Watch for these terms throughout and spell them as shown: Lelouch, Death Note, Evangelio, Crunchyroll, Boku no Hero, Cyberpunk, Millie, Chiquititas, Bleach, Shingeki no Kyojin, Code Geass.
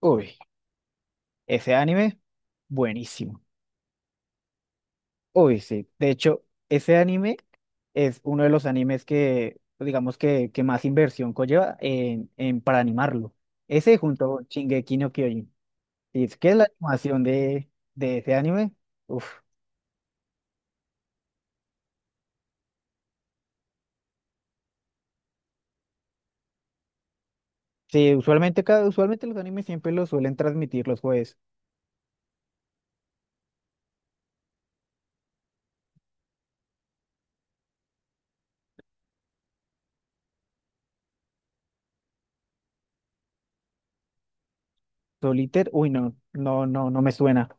Uy, ese anime, buenísimo. Uy, sí. De hecho, ese anime es uno de los animes que, que más inversión conlleva para animarlo. Ese junto con Shingeki no Kyojin. Y es que la animación de ese anime, uff. Sí, usualmente los animes siempre los suelen transmitir los jueves. Solitaire, uy, no me suena.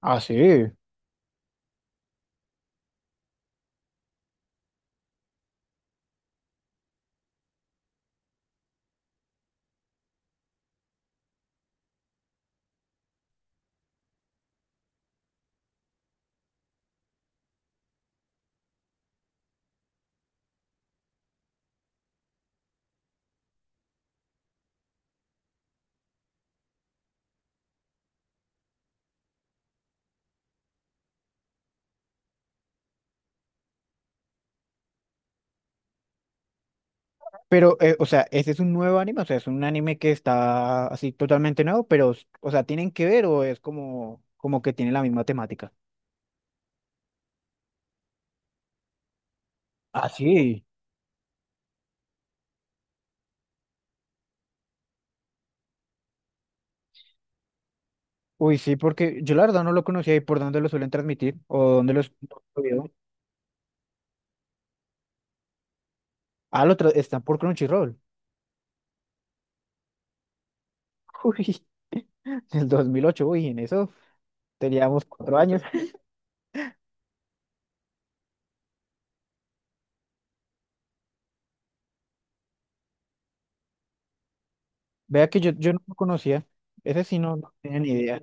Ah, sí. Pero, o sea, ese es un nuevo anime, o sea, es un anime que está así totalmente nuevo, pero, o sea, ¿tienen que ver o es como, como que tiene la misma temática? Ah, sí. Uy, sí, porque yo la verdad no lo conocía y por dónde lo suelen transmitir o dónde los... Ah, están por Crunchyroll. Uy, del 2008, uy, en eso teníamos cuatro años. Vea que yo no lo conocía, ese sí no tenía ni idea.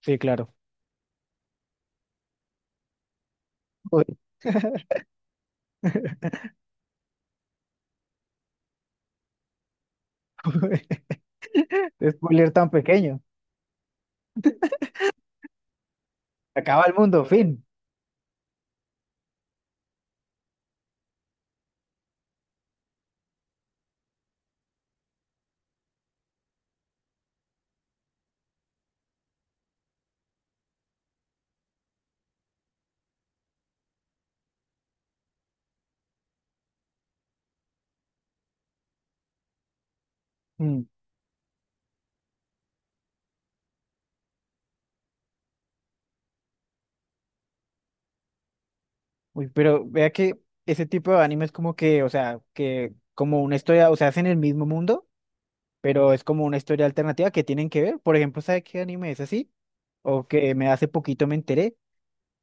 Sí, claro. Uy, spoiler tan pequeño. Se acaba el mundo, fin. Mm. Uy, pero vea que ese tipo de anime es como que, o sea, que como una historia, o sea, hacen el mismo mundo, pero es como una historia alternativa que tienen que ver. Por ejemplo, ¿sabe qué anime es así? O que me hace poquito me enteré.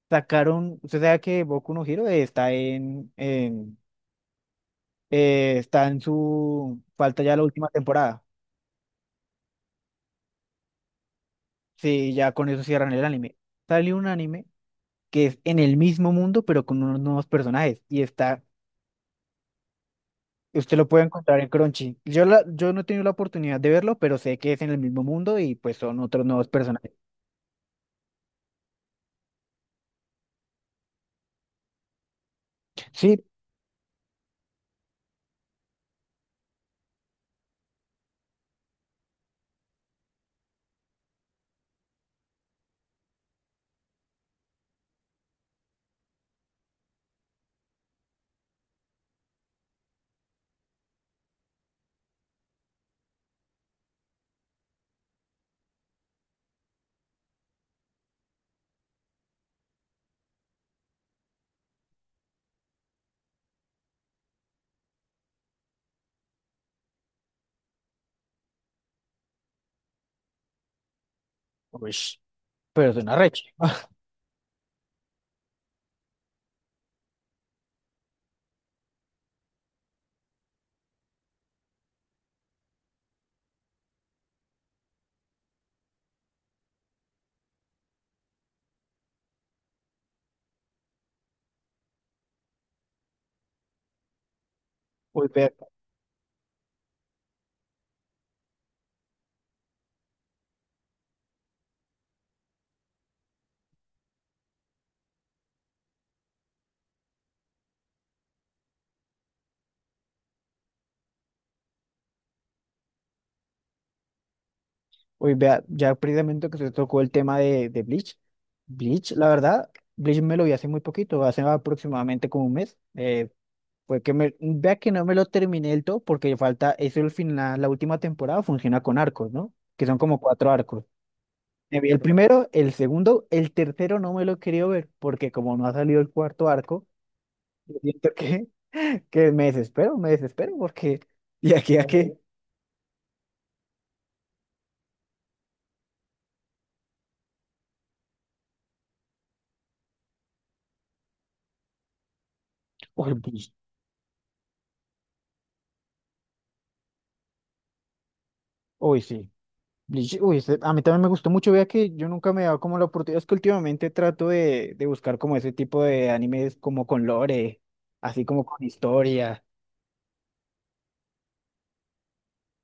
Sacaron, usted sabe que Boku no Hero está en está en su, falta ya la última temporada. Sí, ya con eso cierran el anime. Salió un anime que es en el mismo mundo, pero con unos nuevos personajes. Y está. Usted lo puede encontrar en Crunchy. Yo no he tenido la oportunidad de verlo, pero sé que es en el mismo mundo y pues son otros nuevos personajes. Sí, uish, pero suena recho. Uy, vea, uy, vea, ya precisamente que se tocó el tema de Bleach. Bleach, la verdad, Bleach me lo vi hace muy poquito, hace aproximadamente como un mes. Fue que me, vea que no me lo terminé del todo porque falta, eso el final, la última temporada funciona con arcos, ¿no? Que son como cuatro arcos. Me vi el primero, el segundo, el tercero no me lo he querido ver, porque como no ha salido el cuarto arco, yo siento que, que me desespero, porque y aquí a que, uy, Bleach, uy, sí, Bleach, uy, ese- a mí también me gustó mucho, vea que yo nunca me he dado como la oportunidad, es que últimamente trato de buscar como ese tipo de animes como con lore, así como con historia,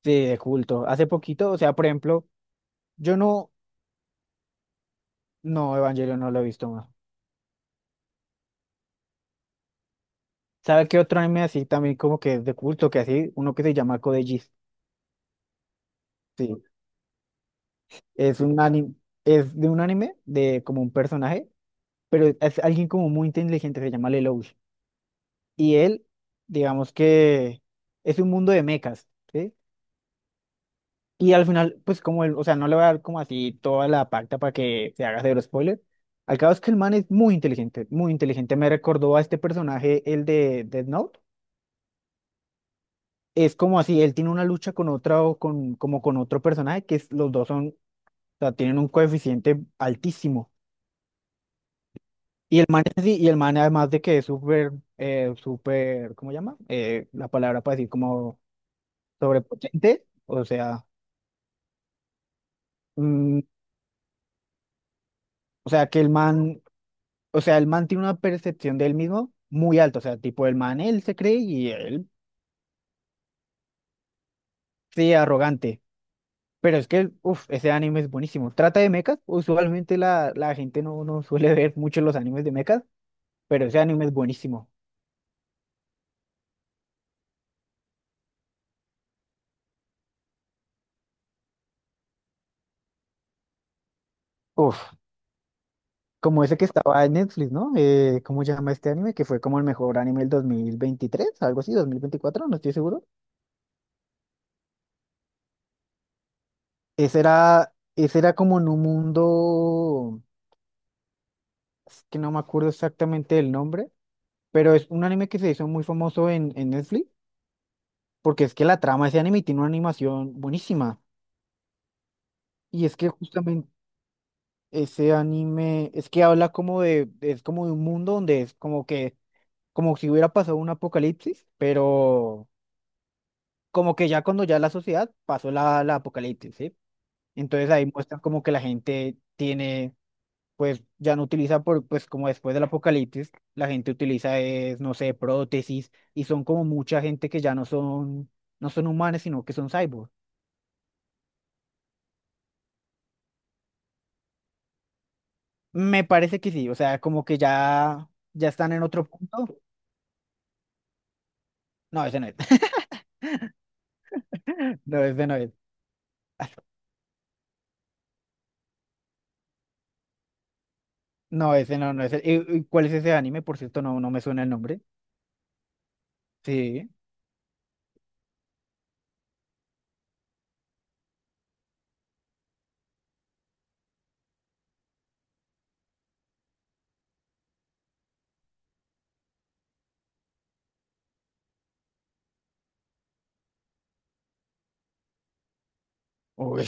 sí, de culto. Hace poquito, o sea, por ejemplo, yo no, no, Evangelio no lo he visto más. ¿Sabe qué otro anime así también como que es de culto, que así, uno que se llama Code Geass? Sí, es un anime, es de un anime de como un personaje, pero es alguien como muy inteligente, se llama Lelouch. Y él, digamos que es un mundo de mechas, ¿sí? Y al final, pues como él, o sea, no le voy a dar como así toda la pacta para que se haga cero spoiler. Al cabo es que el man es muy inteligente, muy inteligente. Me recordó a este personaje, el de Death Note. Es como así, él tiene una lucha con otra o con, como con otro personaje, que es- los dos son sea, tienen un coeficiente altísimo. Y el man, es así, y el man además de que es súper, súper, ¿cómo se llama? La palabra para decir como sobrepotente, o sea, mm, o sea, que el man, o sea, el man tiene una percepción de él mismo muy alta, o sea, tipo el man, él se cree y él, sí, arrogante. Pero es que, uff, ese anime es buenísimo. Trata de mechas, usualmente la gente no suele ver mucho los animes de mechas, pero ese anime es buenísimo. Uf. Como ese que estaba en Netflix, ¿no? ¿Cómo se llama este anime? Que fue como el mejor anime del 2023, algo así, 2024, no estoy seguro. Ese era como en un mundo, es que no me acuerdo exactamente el nombre, pero es un anime que se hizo muy famoso en Netflix, porque es que la trama de ese anime tiene una animación buenísima. Y es que justamente ese anime, es que habla como de, es como de un mundo donde es como que, como si hubiera pasado un apocalipsis, pero como que ya cuando ya la sociedad pasó la apocalipsis, ¿sí? Entonces ahí muestran como que la gente tiene, pues ya no utiliza, por, pues como después del apocalipsis, la gente utiliza, es, no sé, prótesis y son como mucha gente que ya no son, no son humanos, sino que son cyborgs. Me parece que sí, o sea, como que ya, ya están en otro punto. No, ese no es. No, ese no es. No, ese no, no es. El- ¿y, y cuál es ese anime? Por cierto, no, no me suena el nombre. Sí. Uy.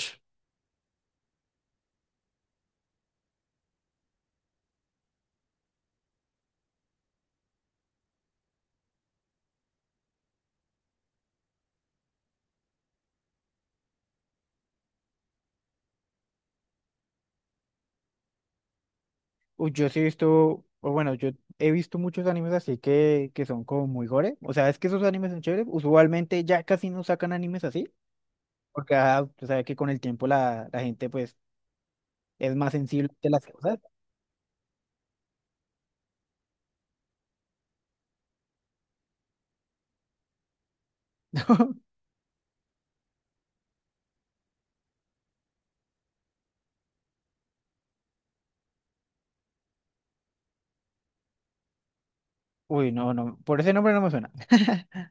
Uy, yo sí he visto, o bueno, yo he visto muchos animes así que son como muy gore. O sea, es que esos animes son chéveres. Usualmente ya casi no sacan animes así, porque ah, tú sabes que con el tiempo la gente pues es más sensible de las cosas. Uy, no, no, por ese nombre no me suena.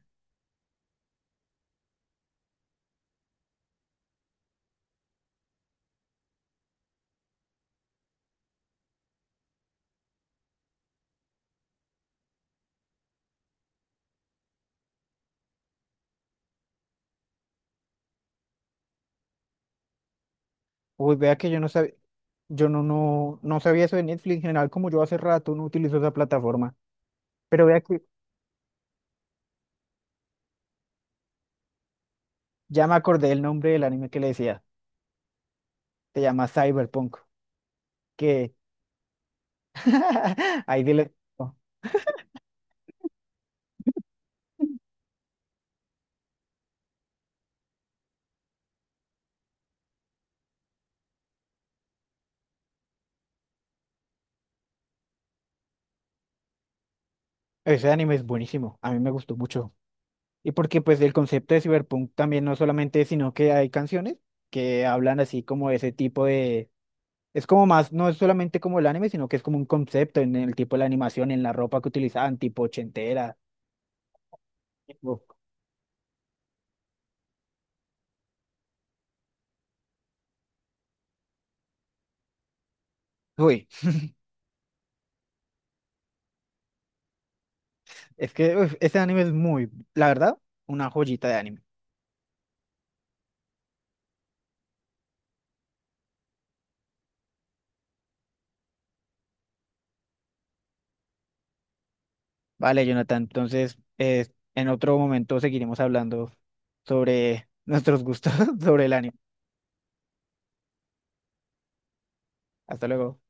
Uy, vea que yo no sabía, yo no, no, no sabía eso de Netflix en general, como yo hace rato no utilizo esa plataforma. Pero vea que ya me acordé el nombre del anime que le decía. Se llama Cyberpunk. Que ahí dile. Oh, ese anime es buenísimo, a mí me gustó mucho. Y porque pues el concepto de Cyberpunk también no solamente, sino que hay canciones que hablan así como de ese tipo de... Es como más, no es solamente como el anime, sino que es como un concepto en el tipo de la animación, en la ropa que utilizaban, tipo ochentera. Tipo- uy, es que uf, ese anime es muy, la verdad, una joyita de anime. Vale, Jonathan, entonces en otro momento seguiremos hablando sobre nuestros gustos sobre el anime. Hasta luego.